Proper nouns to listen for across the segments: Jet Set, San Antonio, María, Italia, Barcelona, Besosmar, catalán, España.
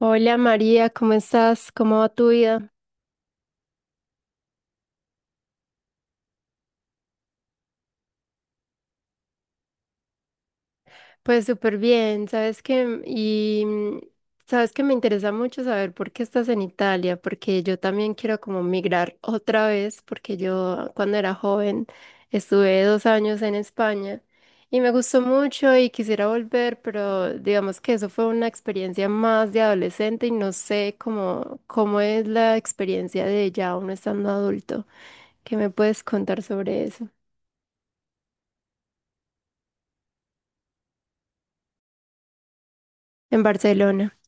Hola María, ¿cómo estás? ¿Cómo va tu vida? Pues súper bien, sabes que me interesa mucho saber por qué estás en Italia, porque yo también quiero como migrar otra vez, porque yo cuando era joven estuve 2 años en España y me gustó mucho y quisiera volver, pero digamos que eso fue una experiencia más de adolescente y no sé cómo es la experiencia de ya uno estando adulto. ¿Qué me puedes contar sobre eso en Barcelona?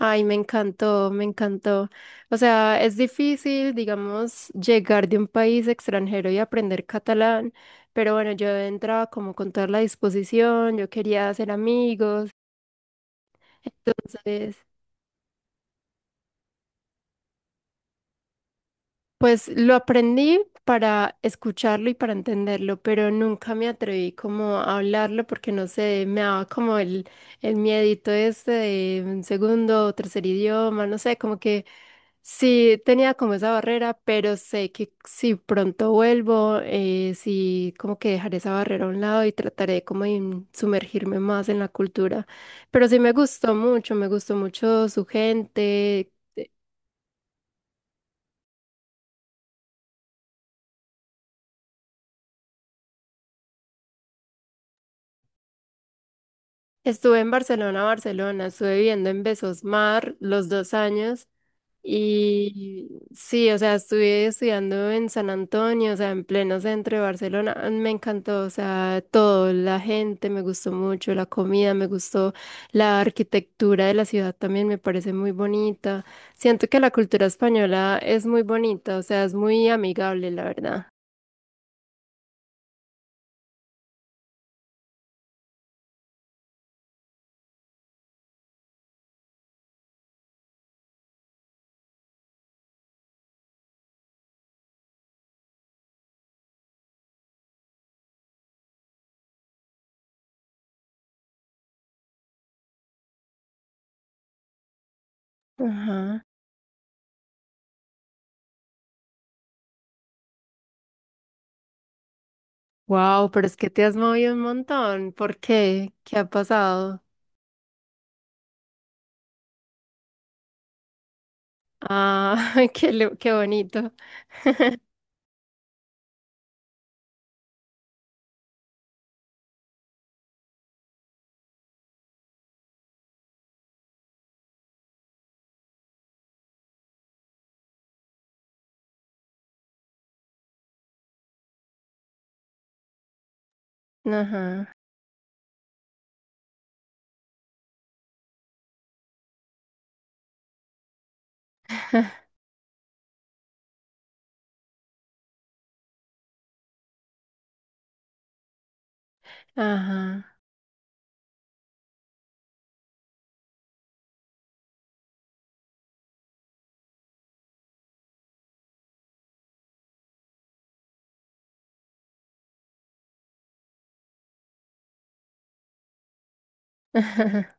Ay, me encantó, me encantó. O sea, es difícil, digamos, llegar de un país extranjero y aprender catalán, pero bueno, yo entraba como con toda la disposición, yo quería hacer amigos, entonces... Pues lo aprendí para escucharlo y para entenderlo, pero nunca me atreví como a hablarlo porque no sé, me daba como el miedito este de un segundo o tercer idioma, no sé, como que sí tenía como esa barrera, pero sé que si pronto vuelvo, sí como que dejaré esa barrera a un lado y trataré como de sumergirme más en la cultura. Pero sí me gustó mucho su gente. Estuve en Barcelona, Barcelona, estuve viviendo en Besosmar los 2 años y sí, o sea, estuve estudiando en San Antonio, o sea, en pleno centro de Barcelona. Ah, me encantó, o sea, todo, la gente me gustó mucho, la comida me gustó, la arquitectura de la ciudad también me parece muy bonita. Siento que la cultura española es muy bonita, o sea, es muy amigable, la verdad. Ajá. Wow, pero es que te has movido un montón. ¿Por qué? ¿Qué ha pasado? Ah, qué bonito. Ajá, ajá.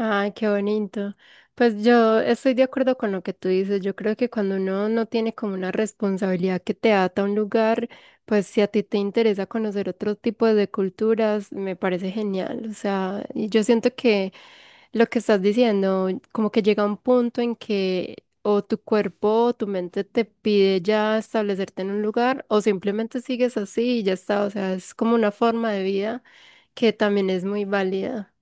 Ay, qué bonito. Pues yo estoy de acuerdo con lo que tú dices. Yo creo que cuando uno no tiene como una responsabilidad que te ata a un lugar, pues si a ti te interesa conocer otro tipo de culturas, me parece genial. O sea, y yo siento que lo que estás diciendo, como que llega un punto en que o tu cuerpo o tu mente te pide ya establecerte en un lugar o simplemente sigues así y ya está. O sea, es como una forma de vida que también es muy válida.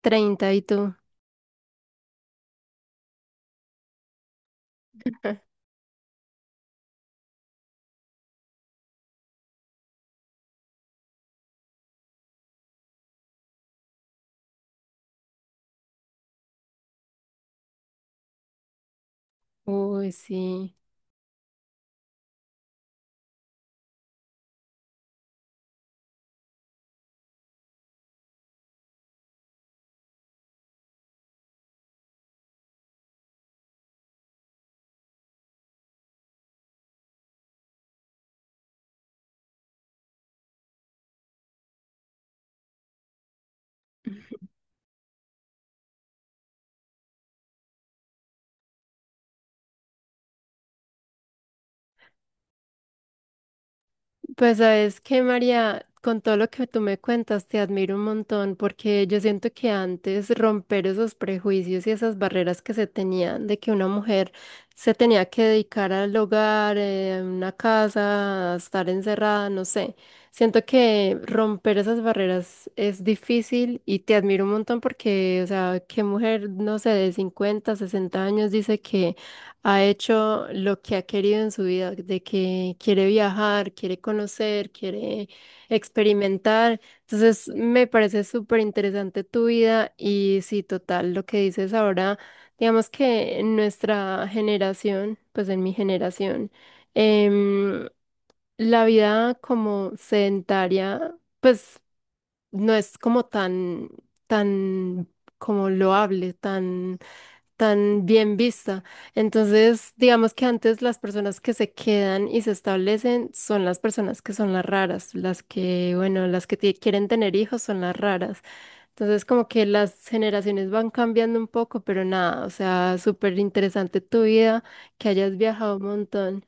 30 y tú. Uy, sí. Pues sabes que, María, con todo lo que tú me cuentas, te admiro un montón porque yo siento que antes romper esos prejuicios y esas barreras que se tenían de que una mujer se tenía que dedicar al hogar, a una casa, a estar encerrada, no sé. Siento que romper esas barreras es difícil y te admiro un montón porque, o sea, qué mujer, no sé, de 50, 60 años dice que ha hecho lo que ha querido en su vida, de que quiere viajar, quiere conocer, quiere experimentar. Entonces, me parece súper interesante tu vida y sí, total, lo que dices ahora, digamos que en nuestra generación, pues en mi generación, em, la vida como sedentaria, pues no es como tan, tan como loable, tan tan bien vista. Entonces, digamos que antes las personas que se quedan y se establecen son las personas que son las raras, las que, bueno, las que quieren tener hijos son las raras. Entonces, como que las generaciones van cambiando un poco, pero nada, o sea, súper interesante tu vida, que hayas viajado un montón.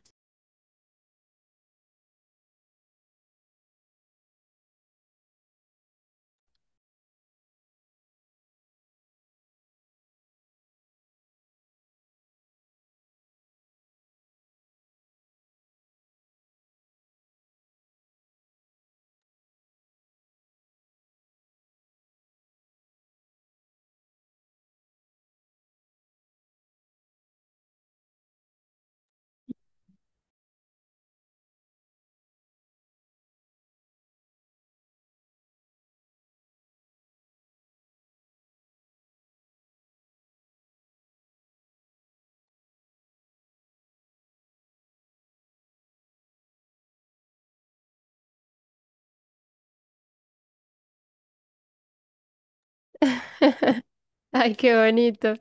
Ay, qué bonito.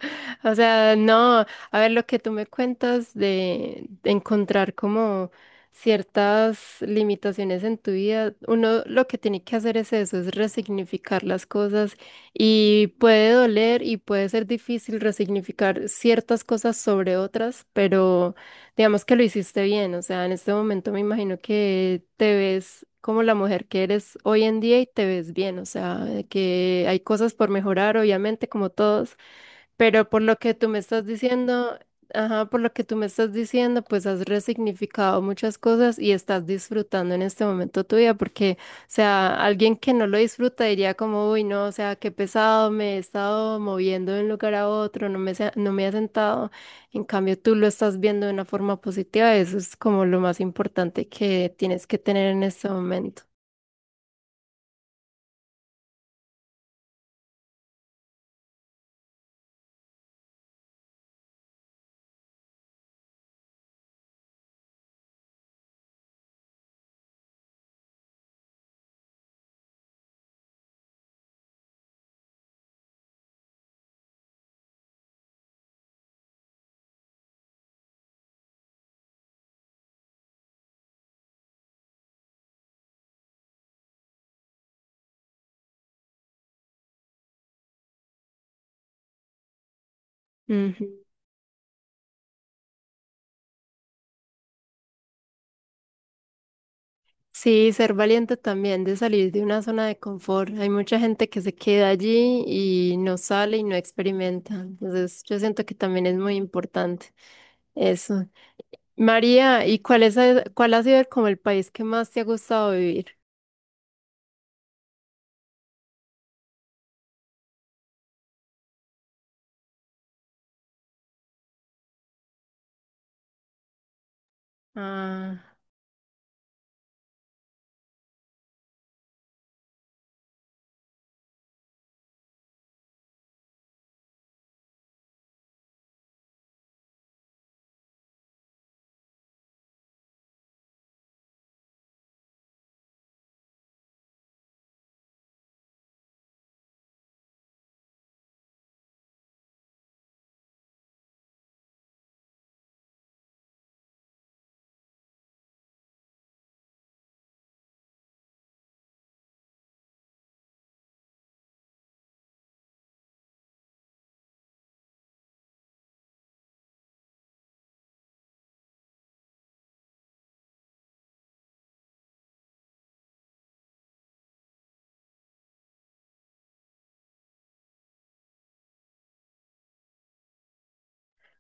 O sea, no, a ver lo que tú me cuentas de, encontrar como ciertas limitaciones en tu vida, uno lo que tiene que hacer es eso, es resignificar las cosas y puede doler y puede ser difícil resignificar ciertas cosas sobre otras, pero digamos que lo hiciste bien, o sea, en este momento me imagino que te ves como la mujer que eres hoy en día y te ves bien, o sea, de que hay cosas por mejorar, obviamente, como todos, pero por lo que tú me estás diciendo, ajá, por lo que tú me estás diciendo, pues has resignificado muchas cosas y estás disfrutando en este momento tu vida, porque, o sea, alguien que no lo disfruta diría como, uy, no, o sea, qué pesado, me he estado moviendo de un lugar a otro, no me, no me he sentado. En cambio, tú lo estás viendo de una forma positiva, eso es como lo más importante que tienes que tener en este momento. Sí, ser valiente también de salir de una zona de confort. Hay mucha gente que se queda allí y no sale y no experimenta. Entonces, yo siento que también es muy importante eso. María, ¿y cuál es, cuál ha sido como el país que más te ha gustado vivir? Ah,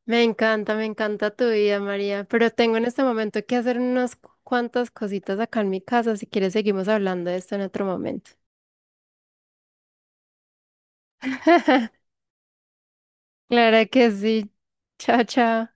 me encanta tu vida, María. Pero tengo en este momento que hacer unas cuantas cositas acá en mi casa. Si quieres, seguimos hablando de esto en otro momento. Claro que sí. Chao, chao.